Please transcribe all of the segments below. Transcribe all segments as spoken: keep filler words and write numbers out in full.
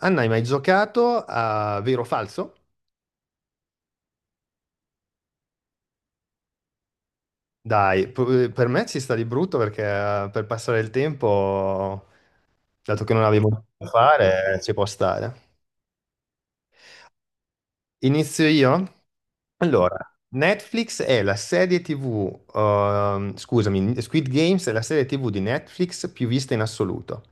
Anna, hai mai giocato a vero o falso? Dai, p- per me ci sta di brutto perché eh, per passare il tempo, dato che non avevo niente da fare, ci può stare. Inizio io? Allora, Netflix è la serie T V, ehm, scusami, Squid Games è la serie T V di Netflix più vista in assoluto.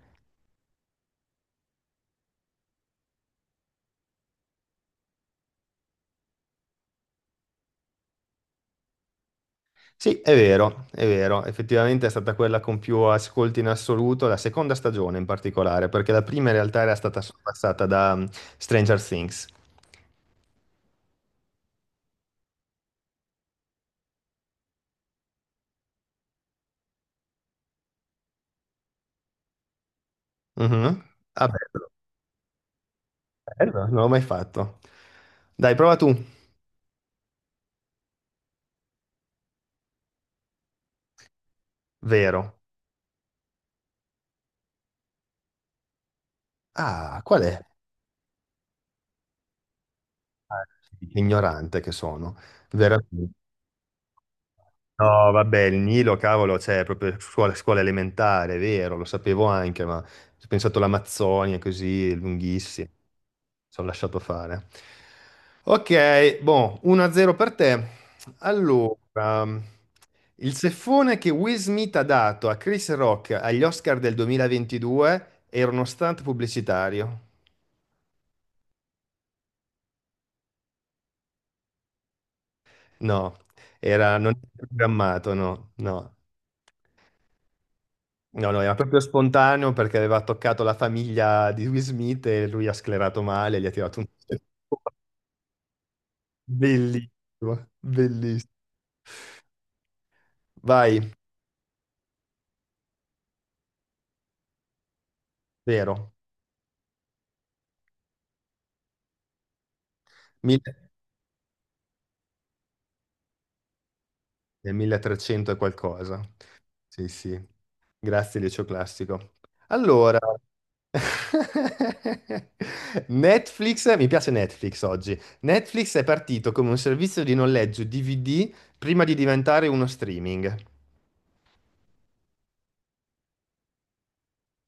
Sì, è vero, è vero, effettivamente è stata quella con più ascolti in assoluto, la seconda stagione in particolare, perché la prima in realtà era stata sorpassata da mm, Stranger Things. Mhm. Ah, beh, bello, non l'ho mai fatto. Dai, prova tu. Vero. Ah, qual è? Ignorante che sono. Vero. No, vabbè, il Nilo, cavolo, c'è proprio scuola, scuola elementare, è vero, lo sapevo anche, ma ho pensato all'Amazzonia così, è lunghissimo, ci ho lasciato fare. Ok, boh, uno a zero per te. Allora, il ceffone che Will Smith ha dato a Chris Rock agli Oscar del duemilaventidue era uno stunt pubblicitario? No, era, non era programmato, no, no. No, no, era proprio spontaneo perché aveva toccato la famiglia di Will Smith e lui ha sclerato male, gli ha tirato un... Bellissimo, bellissimo. Vai, vero. Mille- è milletrecento e qualcosa. Sì, sì. Grazie, Liceo Classico. Allora, Netflix, mi piace Netflix oggi. Netflix è partito come un servizio di noleggio D V D prima di diventare uno streaming.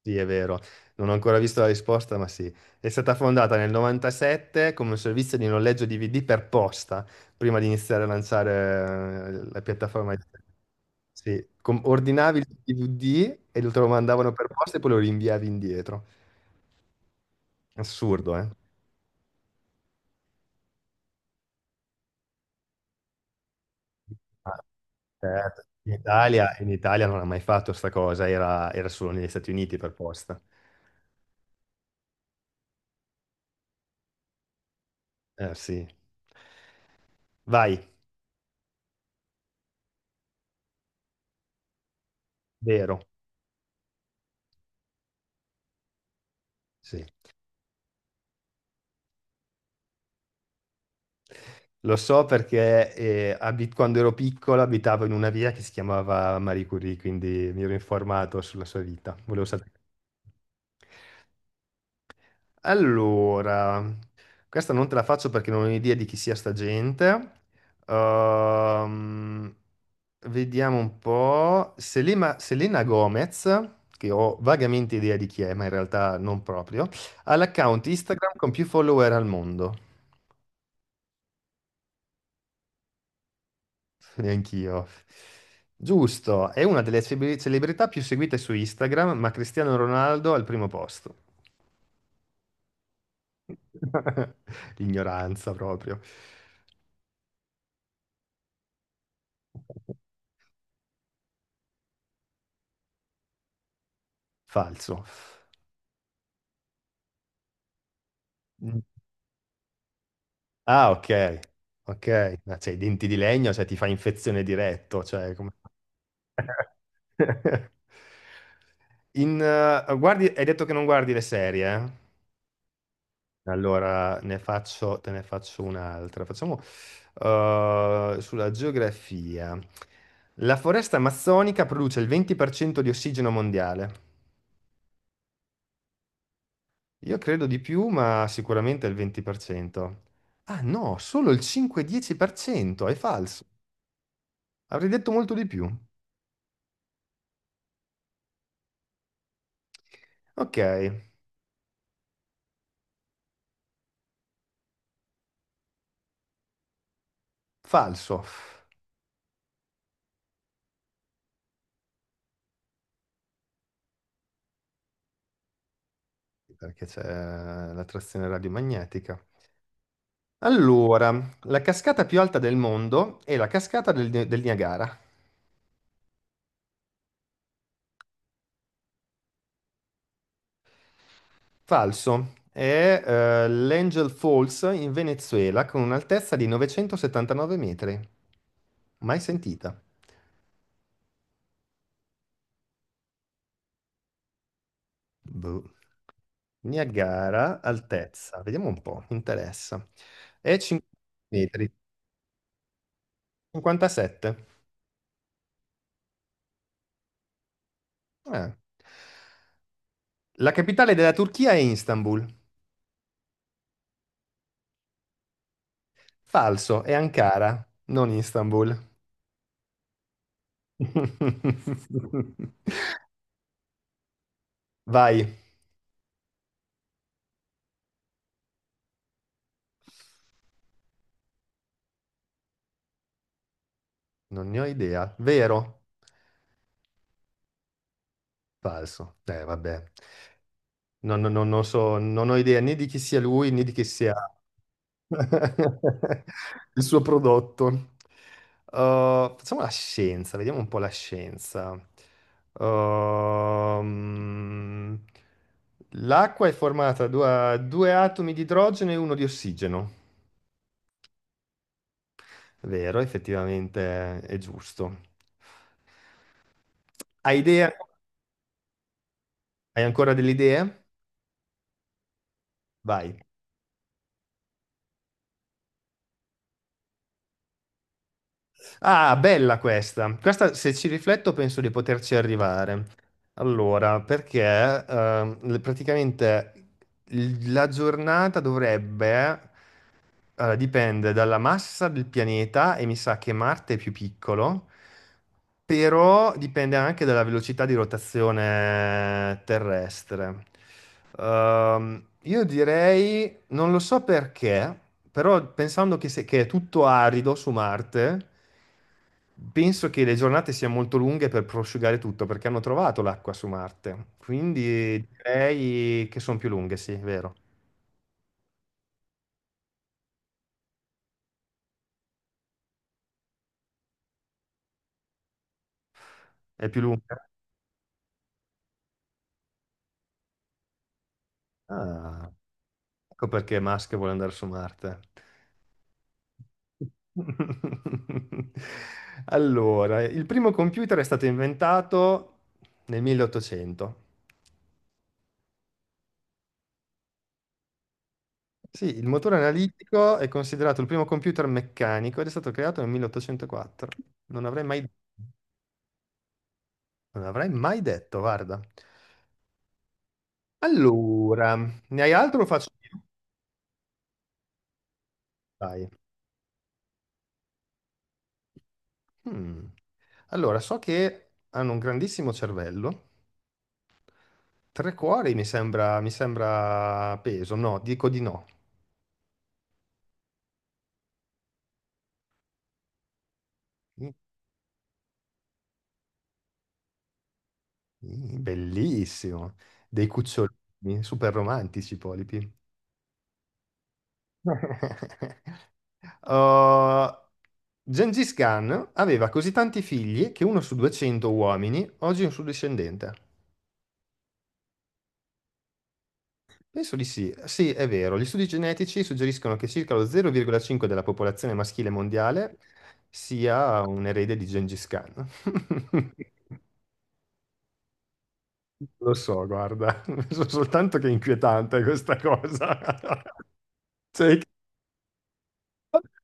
Sì, è vero, non ho ancora visto la risposta, ma sì. È stata fondata nel novantasette come un servizio di noleggio D V D per posta, prima di iniziare a lanciare eh, la piattaforma. di- Sì, com- ordinavi il D V D e lo te lo mandavano per posta e poi lo rinviavi indietro. Assurdo, eh? Ah, certo. In Italia, in Italia non ha mai fatto sta cosa, era, era solo negli Stati Uniti per posta. Eh sì. Vai, vero. Sì. Lo so perché eh, abit- quando ero piccolo abitavo in una via che si chiamava Marie Curie, quindi mi ero informato sulla sua vita. Volevo sapere. Allora, questa non te la faccio perché non ho idea di chi sia sta gente. Ehm, vediamo un po'. Selena, Selena Gomez, che ho vagamente idea di chi è, ma in realtà non proprio, ha l'account Instagram con più follower al mondo. Neanch'io. Giusto, è una delle cebe- celebrità più seguite su Instagram, ma Cristiano Ronaldo al primo posto. Ignoranza proprio. Falso. Mm. Ah, ok. Ok, ma cioè, i denti di legno, cioè ti fa infezione diretto, cioè come... In, eh, guardi, hai detto che non guardi le serie, eh? Allora, ne faccio, te ne faccio un'altra. Facciamo eh, sulla geografia. La foresta amazzonica produce il venti per cento di ossigeno mondiale. Io credo di più, ma sicuramente il venti per cento. Ah no, solo il cinque-dieci per cento, è falso. Avrei detto molto di più. Ok, falso, perché c'è la trazione radiomagnetica. Allora, la cascata più alta del mondo è la cascata del del Niagara. Falso. È eh, l'Angel Falls in Venezuela con un'altezza di novecentosettantanove metri. Mai sentita. Boh. Niagara, altezza. Vediamo un po', mi interessa. È cinquanta metri. cinquantasette. Eh. La capitale della Turchia è Istanbul. Falso, è Ankara, non Istanbul. Vai, non ne ho idea. Vero? Falso. Eh, vabbè. Non, non- non- non so, non ho idea né di chi sia lui né di chi sia il suo prodotto. Uh, facciamo la scienza, vediamo un po' la scienza. Ehm, l'acqua è formata da due atomi di idrogeno e uno di ossigeno. Vero, effettivamente è giusto. Hai idea? Hai ancora delle idee? Vai. Ah, bella questa. Questa, se ci rifletto, penso di poterci arrivare. Allora, perché eh, le- praticamente il- la giornata dovrebbe, allora, dipende dalla massa del pianeta e mi sa che Marte è più piccolo, però dipende anche dalla velocità di rotazione terrestre. Ehm, io direi, non lo so perché, però pensando che, se- che è tutto arido su Marte. Penso che le giornate siano molto lunghe per prosciugare tutto, perché hanno trovato l'acqua su Marte. Quindi direi che sono più lunghe, sì, è vero. È più lunga? Ah, ecco perché Musk vuole andare su Marte. Allora, il primo computer è stato inventato nel milleottocento. Sì, il motore analitico è considerato il primo computer meccanico ed è stato creato nel milleottocentoquattro. Non avrei mai, non avrei mai detto, guarda. Allora, ne hai altro o faccio io? Dai. Mm. Allora, so che hanno un grandissimo cervello. Tre cuori mi sembra, mi sembra peso. No, dico di no. Mm, bellissimo. Dei cucciolini, super romantici, i polipi. Uh, Gengis Khan aveva così tanti figli che uno su duecento uomini oggi è un suo discendente. Penso di sì. Sì, è vero. Gli studi genetici suggeriscono che circa lo zero virgola cinque della popolazione maschile mondiale sia un erede di Gengis Khan. Lo so, guarda, so soltanto che è inquietante questa cosa. Cioè,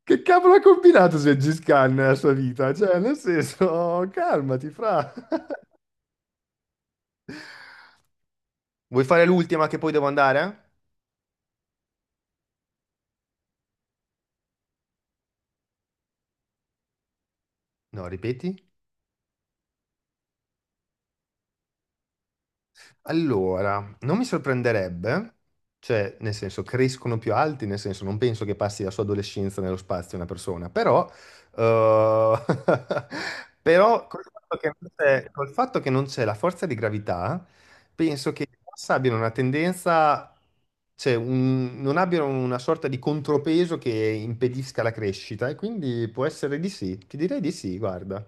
che cavolo ha combinato Gengis Khan nella sua vita? Cioè, nel senso, calmati, fra. Vuoi fare l'ultima che poi devo andare? No, ripeti. Allora, non mi sorprenderebbe, cioè, nel senso, crescono più alti, nel senso, non penso che passi la sua adolescenza nello spazio una persona, però, eh, però col fatto che non c'è col fatto che non c'è la forza di gravità, penso che i gas abbiano una tendenza, cioè, un- non abbiano una sorta di contropeso che impedisca la crescita, e quindi può essere di sì, ti direi di sì, guarda.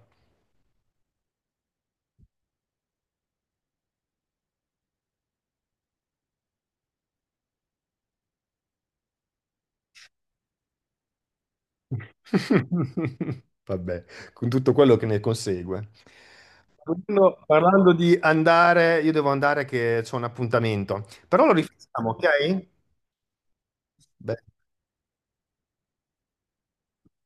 Vabbè, con tutto quello che ne consegue. Parlando, parlando di andare, io devo andare che c'è un appuntamento, però lo rifacciamo, ok? Beh.